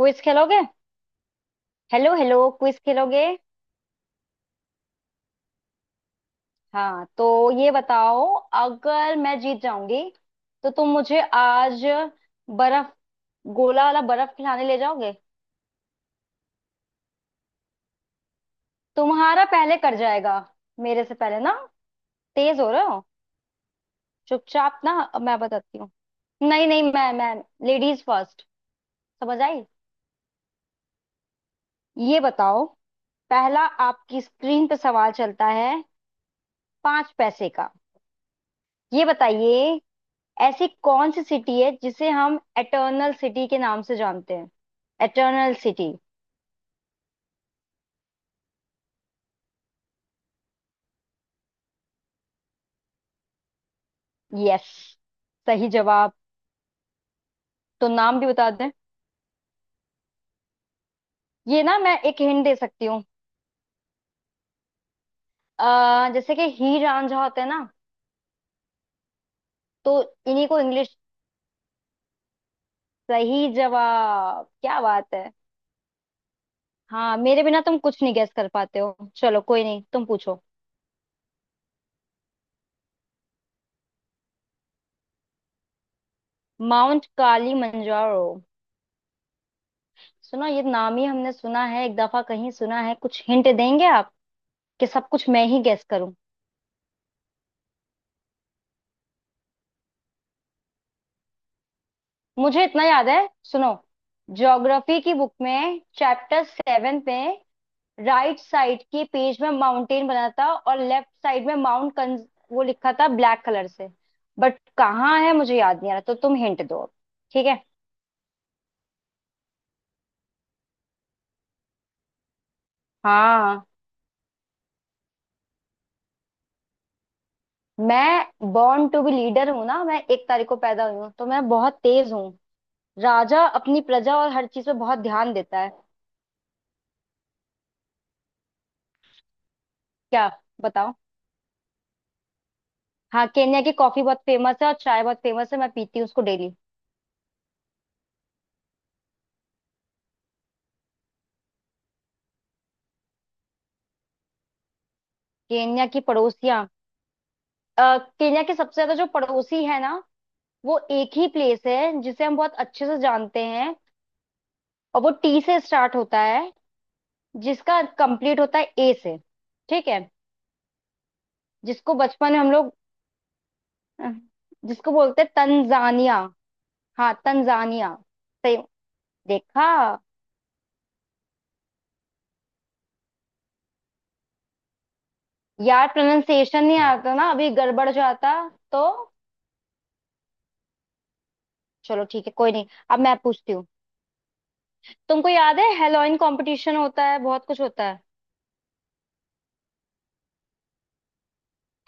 Quiz खेलोगे? Hello, hello, quiz खेलोगे? हाँ, तो ये बताओ, अगर मैं जीत जाऊंगी तो तुम मुझे आज बर्फ गोला वाला बर्फ खिलाने ले जाओगे। तुम्हारा पहले कर जाएगा मेरे से पहले ना। तेज हो रहे हो, चुपचाप ना, अब मैं बताती हूँ। नहीं नहीं, मैं लेडीज फर्स्ट। समझ आई? ये बताओ, पहला। आपकी स्क्रीन पे सवाल चलता है 5 पैसे का। ये बताइए, ऐसी कौन सी सिटी है जिसे हम एटर्नल सिटी के नाम से जानते हैं? Eternal city. यस, सही जवाब। तो नाम भी बता दें? ये ना, मैं एक हिंट दे सकती हूँ। जैसे कि ही रांझा होता है ना, तो इन्हीं को इंग्लिश। सही जवाब, क्या बात है। हाँ, मेरे बिना तुम कुछ नहीं गैस कर पाते हो। चलो कोई नहीं, तुम पूछो। माउंट काली मंजारो, सुनो ये नाम ही हमने सुना है, एक दफा कहीं सुना है। कुछ हिंट देंगे आप, कि सब कुछ मैं ही गैस करूं? मुझे इतना याद है, सुनो। ज्योग्राफी की बुक में चैप्टर 7 में, राइट साइड के पेज में माउंटेन बना था और लेफ्ट साइड में माउंट कंज। वो लिखा था ब्लैक कलर से। बट कहाँ है मुझे याद नहीं आ रहा, तो तुम हिंट दो अब। ठीक है। हाँ, मैं बॉर्न टू बी लीडर हूँ ना, मैं 1 तारीख को पैदा हुई हूँ, तो मैं बहुत तेज हूँ। राजा अपनी प्रजा और हर चीज पे बहुत ध्यान देता है। क्या? बताओ। हाँ, केन्या की कॉफी बहुत फेमस है और चाय बहुत फेमस है, मैं पीती हूँ उसको डेली। केन्या की पड़ोसियाँ। केन्या के सबसे ज्यादा जो पड़ोसी है ना, वो एक ही प्लेस है जिसे हम बहुत अच्छे से जानते हैं। और वो टी से स्टार्ट होता है, जिसका कंप्लीट होता है ए से। ठीक है? जिसको बचपन में हम लोग, अ, जिसको बोलते हैं तंजानिया। हाँ, तंजानिया। सही। देखा? यार, प्रोनाउंसिएशन नहीं आता ना, अभी गड़बड़ जाता। तो चलो ठीक है, कोई नहीं, अब मैं पूछती हूँ। तुमको याद है, हेलोइन कंपटीशन होता है, बहुत कुछ होता है।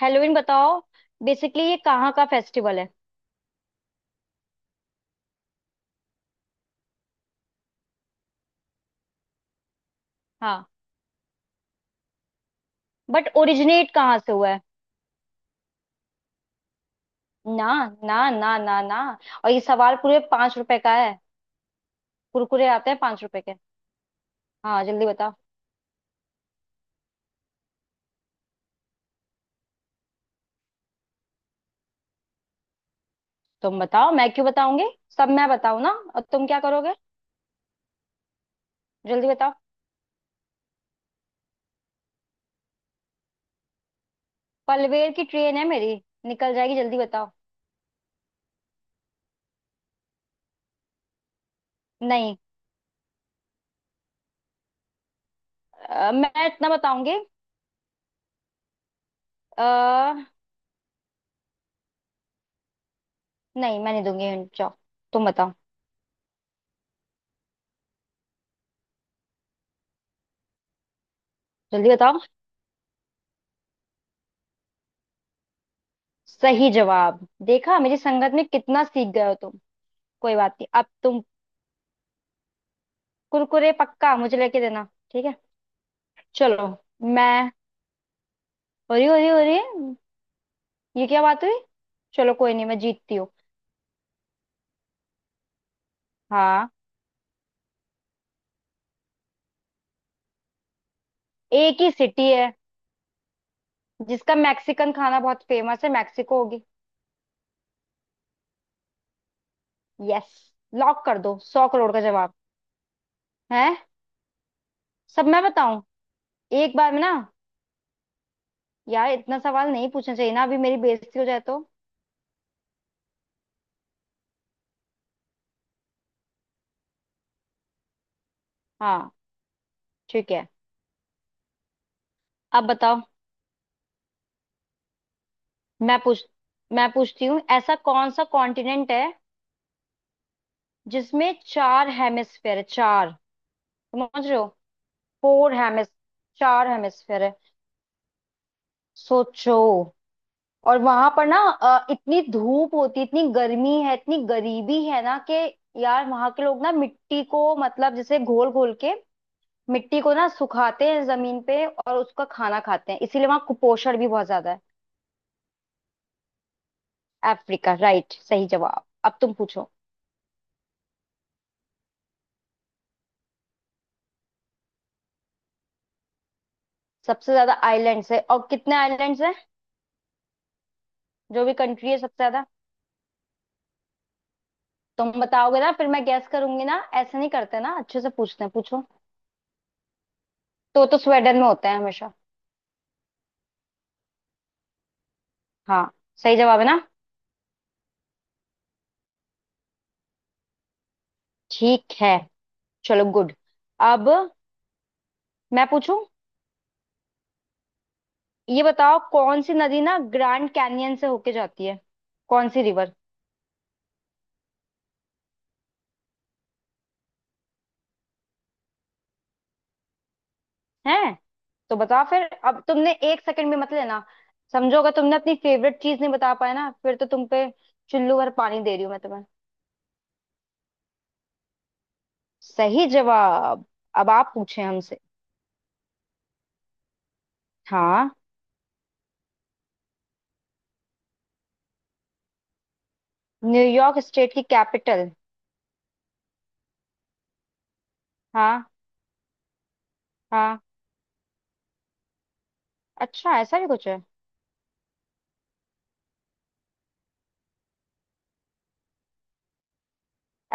हेलोइन बताओ, बेसिकली ये कहाँ का फेस्टिवल है? हाँ, बट ओरिजिनेट कहाँ से हुआ है? ना। ना, ना, ना, ना। और ये सवाल पूरे 5 रुपए का है। कुरकुरे आते हैं 5 रुपए के। हाँ, जल्दी बताओ। तुम बताओ, मैं क्यों बताऊंगी? सब मैं बताऊं ना, और तुम क्या करोगे? जल्दी बताओ, पलवेर की ट्रेन है मेरी, निकल जाएगी, जल्दी बताओ। नहीं। मैं इतना बताऊंगी। आ, नहीं, मैं नहीं दूंगी hint, जाओ। तुम बताओ। जल्दी बताओ। सही जवाब। देखा, मेरी संगत में कितना सीख गए हो तुम। कोई बात नहीं, अब तुम कुरकुरे पक्का मुझे लेके देना, ठीक है? चलो, मैं, हो रही है, ये क्या बात हुई। चलो कोई नहीं, मैं जीतती हूँ। हाँ, एक ही सिटी है जिसका मैक्सिकन खाना बहुत फेमस है, मैक्सिको होगी। यस। लॉक कर दो, 100 करोड़ का जवाब है। सब मैं बताऊं? एक बार में ना। यार, इतना सवाल नहीं पूछना चाहिए ना, अभी मेरी बेइज्जती हो जाए तो। हाँ, ठीक है। अब बताओ, मैं पूछ मैं पूछती हूँ, ऐसा कौन सा कॉन्टिनेंट है जिसमें 4 हेमिस्फेयर है? चार, समझ रहे हो? फोर हेमिस, 4 हेमिस्फेयर है। सोचो। और वहां पर ना, इतनी धूप होती, इतनी गर्मी है, इतनी गरीबी है ना, कि यार वहां के लोग ना मिट्टी को, मतलब जैसे घोल घोल के, मिट्टी को ना सुखाते हैं जमीन पे और उसका खाना खाते हैं, इसीलिए वहां कुपोषण भी बहुत ज्यादा है। अफ्रीका, राइट, सही जवाब। अब तुम पूछो। सबसे ज्यादा आइलैंड्स है, और कितने आइलैंड्स हैं? जो भी कंट्री है सबसे ज्यादा। तुम बताओगे ना, फिर मैं गैस करूंगी ना। ऐसे नहीं करते ना, अच्छे से पूछते हैं, पूछो। तो स्वेडन में होता है हमेशा। हाँ। सही जवाब है ना? ठीक है, चलो गुड। अब मैं पूछूं। ये बताओ, कौन सी नदी ना ग्रैंड कैनियन से होके जाती है? कौन सी रिवर? है। तो बताओ फिर। अब तुमने एक सेकंड भी मत लेना, समझो। अगर तुमने अपनी फेवरेट चीज नहीं बता पाया ना, फिर तो तुम पे चुल्लू भर पानी दे रही हूं मैं तुम्हें। सही जवाब। अब आप पूछे हमसे। हाँ। न्यूयॉर्क स्टेट की कैपिटल। हाँ। हाँ, अच्छा, ऐसा भी कुछ है।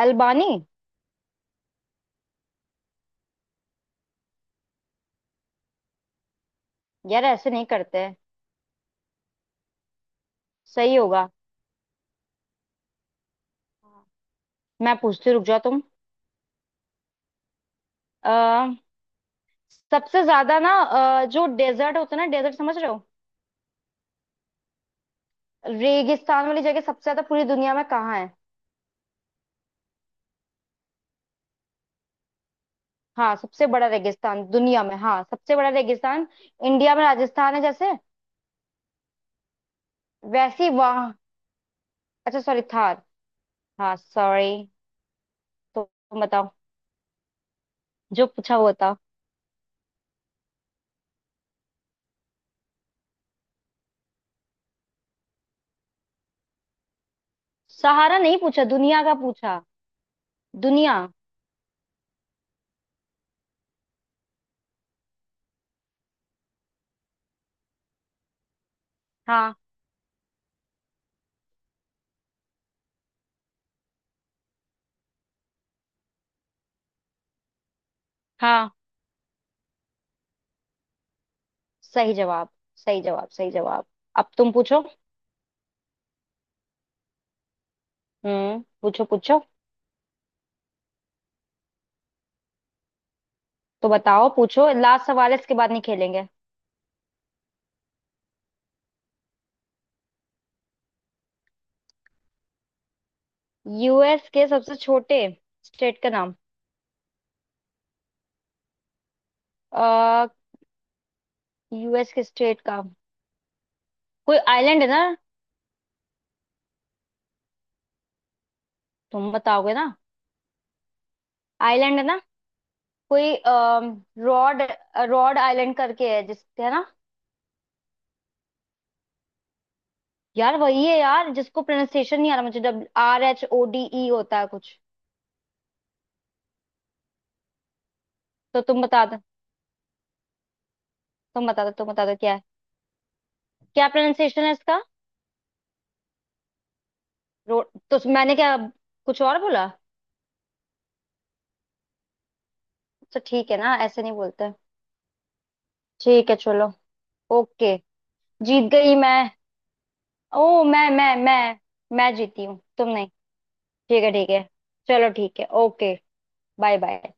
अल्बानी। यार, ऐसे नहीं करते हैं। सही होगा। मैं पूछती हूँ, रुक जाओ। तुम। सबसे ज्यादा ना, जो डेजर्ट होता है ना, डेजर्ट समझ रहे हो? रेगिस्तान वाली जगह सबसे ज्यादा पूरी दुनिया में कहाँ है? हाँ, सबसे बड़ा रेगिस्तान दुनिया में, हाँ, सबसे बड़ा रेगिस्तान। इंडिया में राजस्थान है जैसे। वैसी वहां। अच्छा सॉरी, थार। हाँ, सॉरी। तो तुम बताओ, जो पूछा हुआ था। सहारा नहीं पूछा, दुनिया का पूछा। दुनिया। हाँ। हाँ, सही जवाब, सही जवाब, सही जवाब। अब तुम पूछो। हम्म, पूछो पूछो। तो बताओ, पूछो, लास्ट सवाल है, इसके बाद नहीं खेलेंगे। यूएस के सबसे छोटे स्टेट का नाम। आ, यूएस के स्टेट का। कोई आइलैंड है ना। तुम बताओगे ना। आइलैंड है ना, कोई। रॉड। रॉड आइलैंड करके है, जिस है ना। यार, वही है यार, जिसको प्रोनाउंसिएशन नहीं आ रहा मुझे, WRHODE होता है कुछ। तो तुम बता दो, तुम बता दो, तुम बता दो, क्या है, क्या प्रोनाउंसिएशन है इसका? रो, तो मैंने क्या कुछ और बोला? अच्छा ठीक है ना, ऐसे नहीं बोलते। ठीक है, चलो, ओके। जीत गई मैं। ओ, मैं जीती हूँ, तुम नहीं। ठीक है, ठीक है। चलो, ठीक है, ओके। Bye, bye.